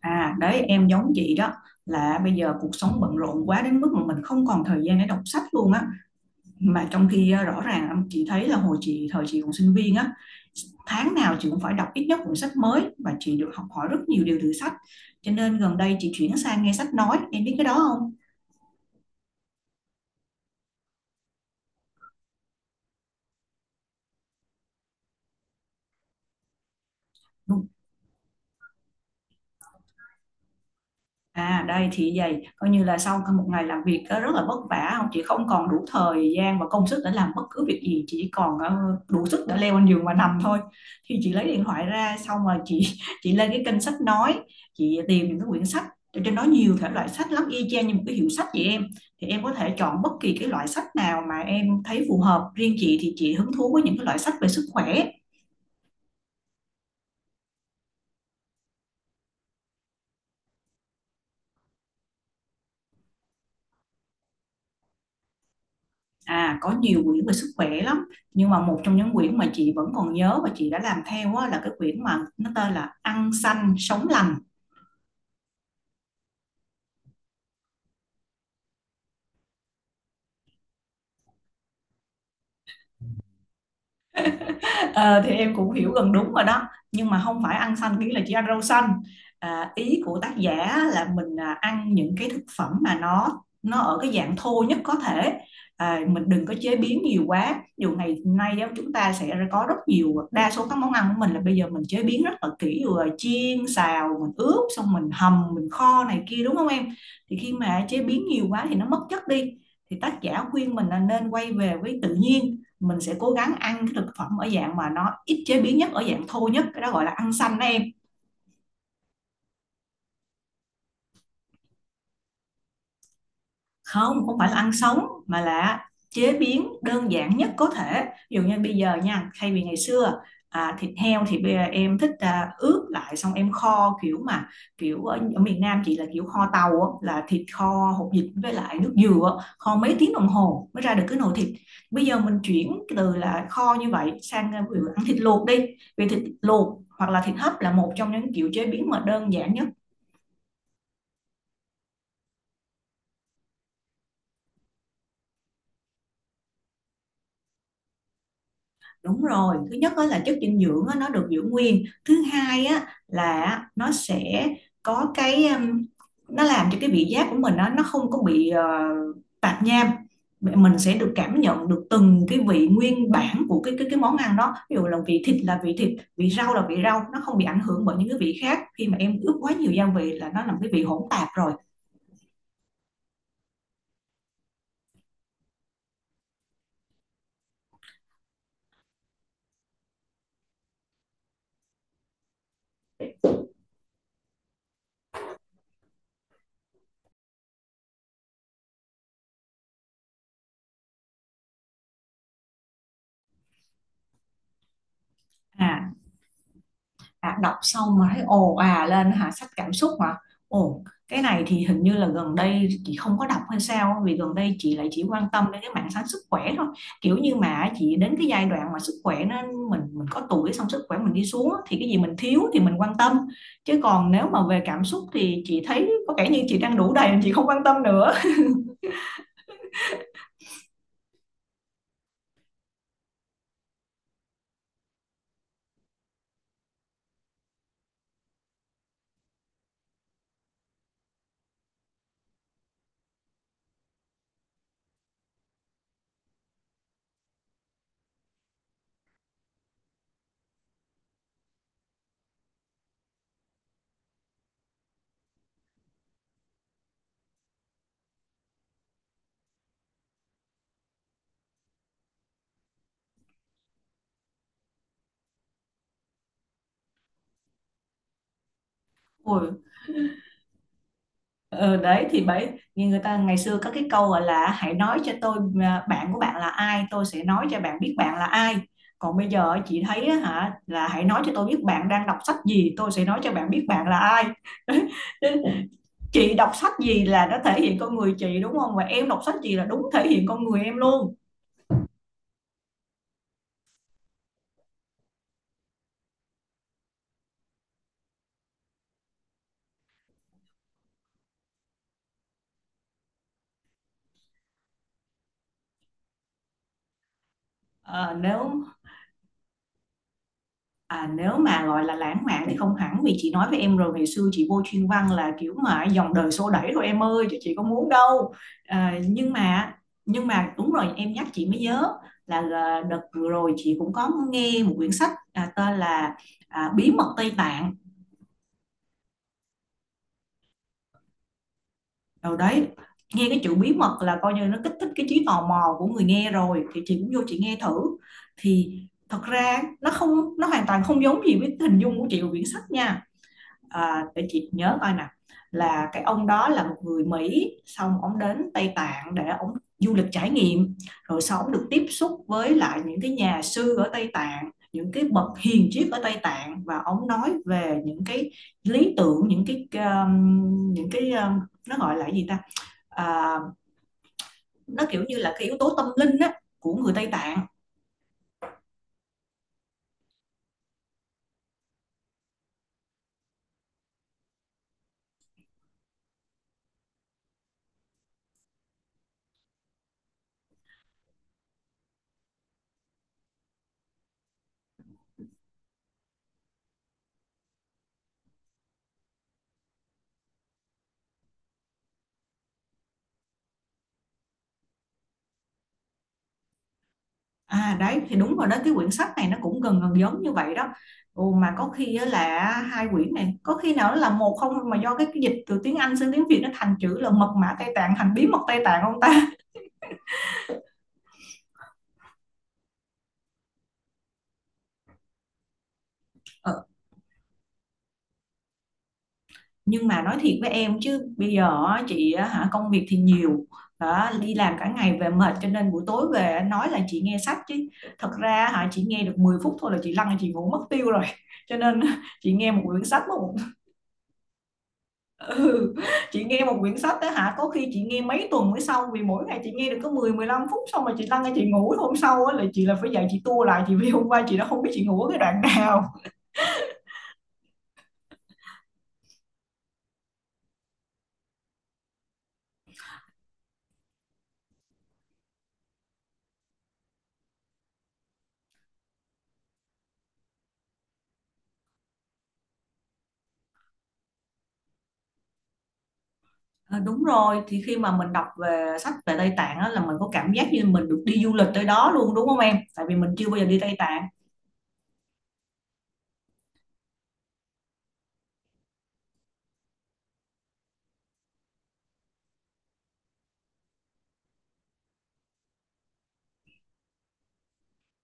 À đấy, em giống chị đó, là bây giờ cuộc sống bận rộn quá đến mức mà mình không còn thời gian để đọc sách luôn á. Mà trong khi rõ ràng chị thấy là hồi chị thời chị còn sinh viên á, tháng nào chị cũng phải đọc ít nhất cuốn sách mới, và chị được học hỏi rất nhiều điều từ sách. Cho nên gần đây chị chuyển sang nghe sách nói, em biết cái đó không? À đây, thì vậy coi như là sau một ngày làm việc á, rất là vất vả, không chị không còn đủ thời gian và công sức để làm bất cứ việc gì, chị chỉ còn đủ sức để leo lên giường và nằm thôi. Thì chị lấy điện thoại ra, xong rồi chị chị lên cái kênh sách nói, chị tìm những cái quyển sách ở trên đó. Nhiều thể loại sách lắm, y chang như một cái hiệu sách vậy em. Thì em có thể chọn bất kỳ cái loại sách nào mà em thấy phù hợp, riêng chị thì chị hứng thú với những cái loại sách về sức khỏe. À, có nhiều quyển về sức khỏe lắm. Nhưng mà một trong những quyển mà chị vẫn còn nhớ và chị đã làm theo á, là cái quyển mà nó tên là Ăn Xanh Sống Lành. Ờ, thì em cũng hiểu gần đúng rồi đó, nhưng mà không phải ăn xanh nghĩa là chỉ ăn rau xanh. Ý của tác giả là mình ăn những cái thực phẩm mà nó ở cái dạng thô nhất có thể. Mình đừng có chế biến nhiều quá, dù ngày nay á, chúng ta sẽ có rất nhiều, đa số các món ăn của mình là bây giờ mình chế biến rất là kỹ rồi, chiên xào mình ướp, xong mình hầm, mình kho này kia, đúng không em? Thì khi mà chế biến nhiều quá thì nó mất chất đi. Thì tác giả khuyên mình là nên quay về với tự nhiên, mình sẽ cố gắng ăn cái thực phẩm ở dạng mà nó ít chế biến nhất, ở dạng thô nhất, cái đó gọi là ăn xanh đó em. Không, không phải là ăn sống, mà là chế biến đơn giản nhất có thể. Ví dụ như bây giờ nha, thay vì ngày xưa thịt heo thì bây giờ em thích ướp lại, xong em kho kiểu mà kiểu ở miền Nam chị là kiểu kho tàu á, là thịt kho hột vịt với lại nước dừa á, kho mấy tiếng đồng hồ mới ra được cái nồi thịt. Bây giờ mình chuyển từ là kho như vậy sang ví dụ ăn thịt luộc đi, vì thịt luộc hoặc là thịt hấp là một trong những kiểu chế biến mà đơn giản nhất. Đúng rồi, thứ nhất á là chất dinh dưỡng á, nó được giữ nguyên. Thứ hai á là nó sẽ có cái nó làm cho cái vị giác của mình á, nó không có bị tạp nham. Mình sẽ được cảm nhận được từng cái vị nguyên bản của cái cái món ăn đó. Ví dụ là vị thịt, vị rau là vị rau, nó không bị ảnh hưởng bởi những cái vị khác. Khi mà em ướp quá nhiều gia vị là nó làm cái vị hỗn tạp rồi. À, đọc xong mà thấy ồ à lên hả, sách cảm xúc hả? Ồ, cái này thì hình như là gần đây chị không có đọc, hay sao vì gần đây chị lại chỉ quan tâm đến cái mảng sáng sức khỏe thôi. Kiểu như mà chị đến cái giai đoạn mà sức khỏe nó, mình có tuổi xong sức khỏe mình đi xuống á, thì cái gì mình thiếu thì mình quan tâm. Chứ còn nếu mà về cảm xúc thì chị thấy có vẻ như chị đang đủ đầy, chị không quan tâm nữa. Ui, ừ, đấy thì bởi như người ta ngày xưa có cái câu gọi là hãy nói cho tôi bạn của bạn là ai, tôi sẽ nói cho bạn biết bạn là ai. Còn bây giờ chị thấy á hả, là hãy nói cho tôi biết bạn đang đọc sách gì, tôi sẽ nói cho bạn biết bạn là ai. Chị đọc sách gì là nó thể hiện con người chị, đúng không, và em đọc sách gì là đúng thể hiện con người em luôn. Ờ, nếu à, nếu mà gọi là lãng mạn thì không hẳn, vì chị nói với em rồi, ngày xưa chị vô chuyên văn là kiểu mà dòng đời xô đẩy thôi em ơi, chứ chị có muốn đâu. Nhưng mà nhưng mà đúng rồi, em nhắc chị mới nhớ là đợt vừa rồi chị cũng có nghe một quyển sách tên là Bí Mật Tây Tạng. Rồi đấy, nghe cái chữ bí mật là coi như nó kích thích cái trí tò mò của người nghe rồi, thì chị cũng vô chị nghe thử. Thì thật ra nó không nó hoàn toàn không giống gì với hình dung của chị của quyển sách nha. À, để chị nhớ coi nè, là cái ông đó là một người Mỹ, xong ông đến Tây Tạng để ông du lịch trải nghiệm. Rồi sau ông được tiếp xúc với lại những cái nhà sư ở Tây Tạng, những cái bậc hiền triết ở Tây Tạng, và ông nói về những cái lý tưởng, những cái nó gọi là gì ta, à, nó kiểu như là cái yếu tố tâm linh á của người Tây Tạng. À đấy thì đúng rồi đó, cái quyển sách này nó cũng gần gần giống như vậy đó. Ồ, mà có khi á là hai quyển này có khi nào nó là một không, mà do cái dịch từ tiếng Anh sang tiếng Việt nó thành chữ là Mật Mã Tây Tạng thành Bí Mật Tây Tạng không ta? Ờ, nhưng mà nói thiệt với em chứ bây giờ á, chị á hả, công việc thì nhiều đó, đi làm cả ngày về mệt, cho nên buổi tối về á, nói là chị nghe sách chứ thật ra hả, chị nghe được 10 phút thôi là chị lăn chị ngủ mất tiêu rồi. Cho nên chị nghe một quyển sách mất ừ. Chị nghe một quyển sách đó hả, có khi chị nghe mấy tuần mới xong, vì mỗi ngày chị nghe được có mười mười lăm phút, xong rồi chị lăn ra chị ngủ, hôm sau á là chị là phải dậy chị tua lại chị, vì hôm qua chị đã không biết chị ngủ ở cái đoạn nào. Ờ, đúng rồi, thì khi mà mình đọc về sách về Tây Tạng á, là mình có cảm giác như mình được đi du lịch tới đó luôn, đúng không em, tại vì mình chưa bao giờ đi Tây Tạng.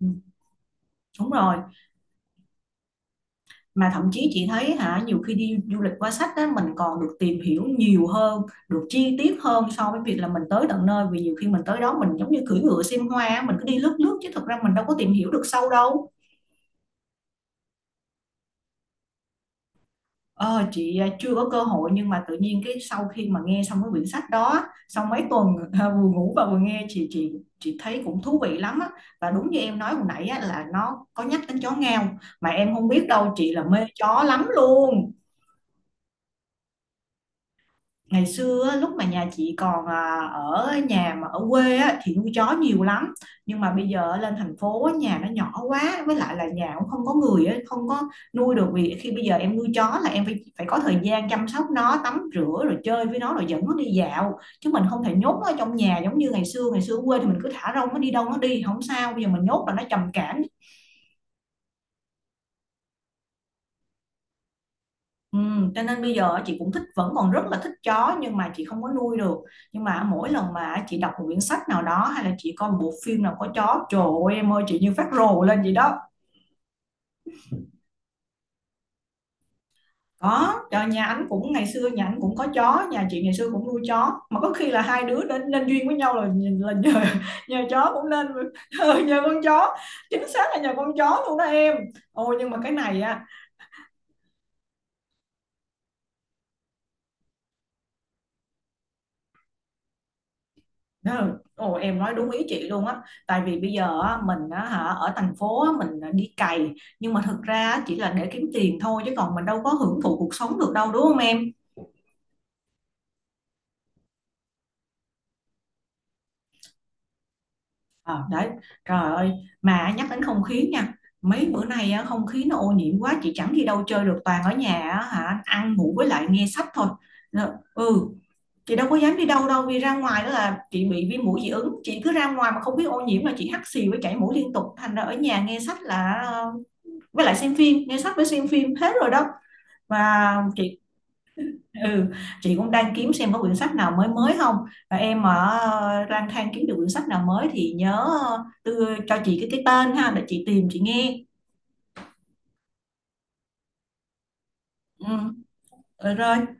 Ừ, đúng rồi, mà thậm chí chị thấy hả, nhiều khi đi du lịch qua sách á mình còn được tìm hiểu nhiều hơn, được chi tiết hơn, so với việc là mình tới tận nơi. Vì nhiều khi mình tới đó mình giống như cưỡi ngựa xem hoa á, mình cứ đi lướt lướt chứ thật ra mình đâu có tìm hiểu được sâu đâu. Ờ, chị chưa có cơ hội, nhưng mà tự nhiên cái sau khi mà nghe xong cái quyển sách đó á, sau mấy tuần vừa ngủ và vừa nghe, chị chị thấy cũng thú vị lắm á. Và đúng như em nói hồi nãy á, là nó có nhắc đến chó ngao, mà em không biết đâu, chị là mê chó lắm luôn. Ngày xưa á, lúc mà nhà chị còn ở nhà mà ở quê á, thì nuôi chó nhiều lắm. Nhưng mà bây giờ lên thành phố á, nhà nó nhỏ quá, với lại là nhà cũng không có người á, không có nuôi được. Vì khi bây giờ em nuôi chó là em phải phải có thời gian chăm sóc nó, tắm rửa rồi chơi với nó, rồi dẫn nó đi dạo, chứ mình không thể nhốt nó ở trong nhà giống như ngày xưa. Ngày xưa ở quê thì mình cứ thả rông nó, đi đâu nó đi không sao, bây giờ mình nhốt là nó trầm cảm. Ừ, cho nên bây giờ chị cũng thích, vẫn còn rất là thích chó, nhưng mà chị không có nuôi được. Nhưng mà mỗi lần mà chị đọc một quyển sách nào đó hay là chị coi một bộ phim nào có chó, trời ơi em ơi, chị như phát rồ lên vậy đó. Có trời, nhà anh cũng, ngày xưa nhà anh cũng có chó, nhà chị ngày xưa cũng nuôi chó, mà có khi là hai đứa nên nên duyên với nhau là nhờ chó cũng nên. Ừ, nhờ con chó, chính xác là nhờ con chó luôn đó em. Ôi nhưng mà cái này á, ờ, ồ, em nói đúng ý chị luôn á. Tại vì bây giờ á, mình á, hả, ở thành phố á, mình đi cày, nhưng mà thực ra á, chỉ là để kiếm tiền thôi, chứ còn mình đâu có hưởng thụ cuộc sống được đâu, đúng không em? Ờ, đấy, trời ơi, mà nhắc đến không khí nha, mấy bữa nay á, không khí nó ô nhiễm quá, chị chẳng đi đâu chơi được, toàn ở nhà á, hả, ăn ngủ với lại nghe sách thôi. Ờ, ừ, chị đâu có dám đi đâu đâu, vì ra ngoài đó là chị bị viêm mũi dị ứng, chị cứ ra ngoài mà không biết ô nhiễm là chị hắt xì với chảy mũi liên tục, thành ra ở nhà nghe sách là với lại xem phim, nghe sách với xem phim hết rồi đó. Và chị, ừ, chị cũng đang kiếm xem có quyển sách nào mới mới không, và em mà lang thang kiếm được quyển sách nào mới thì nhớ đưa cho chị cái tên ha, để chị tìm chị nghe. Ừ. Rồi.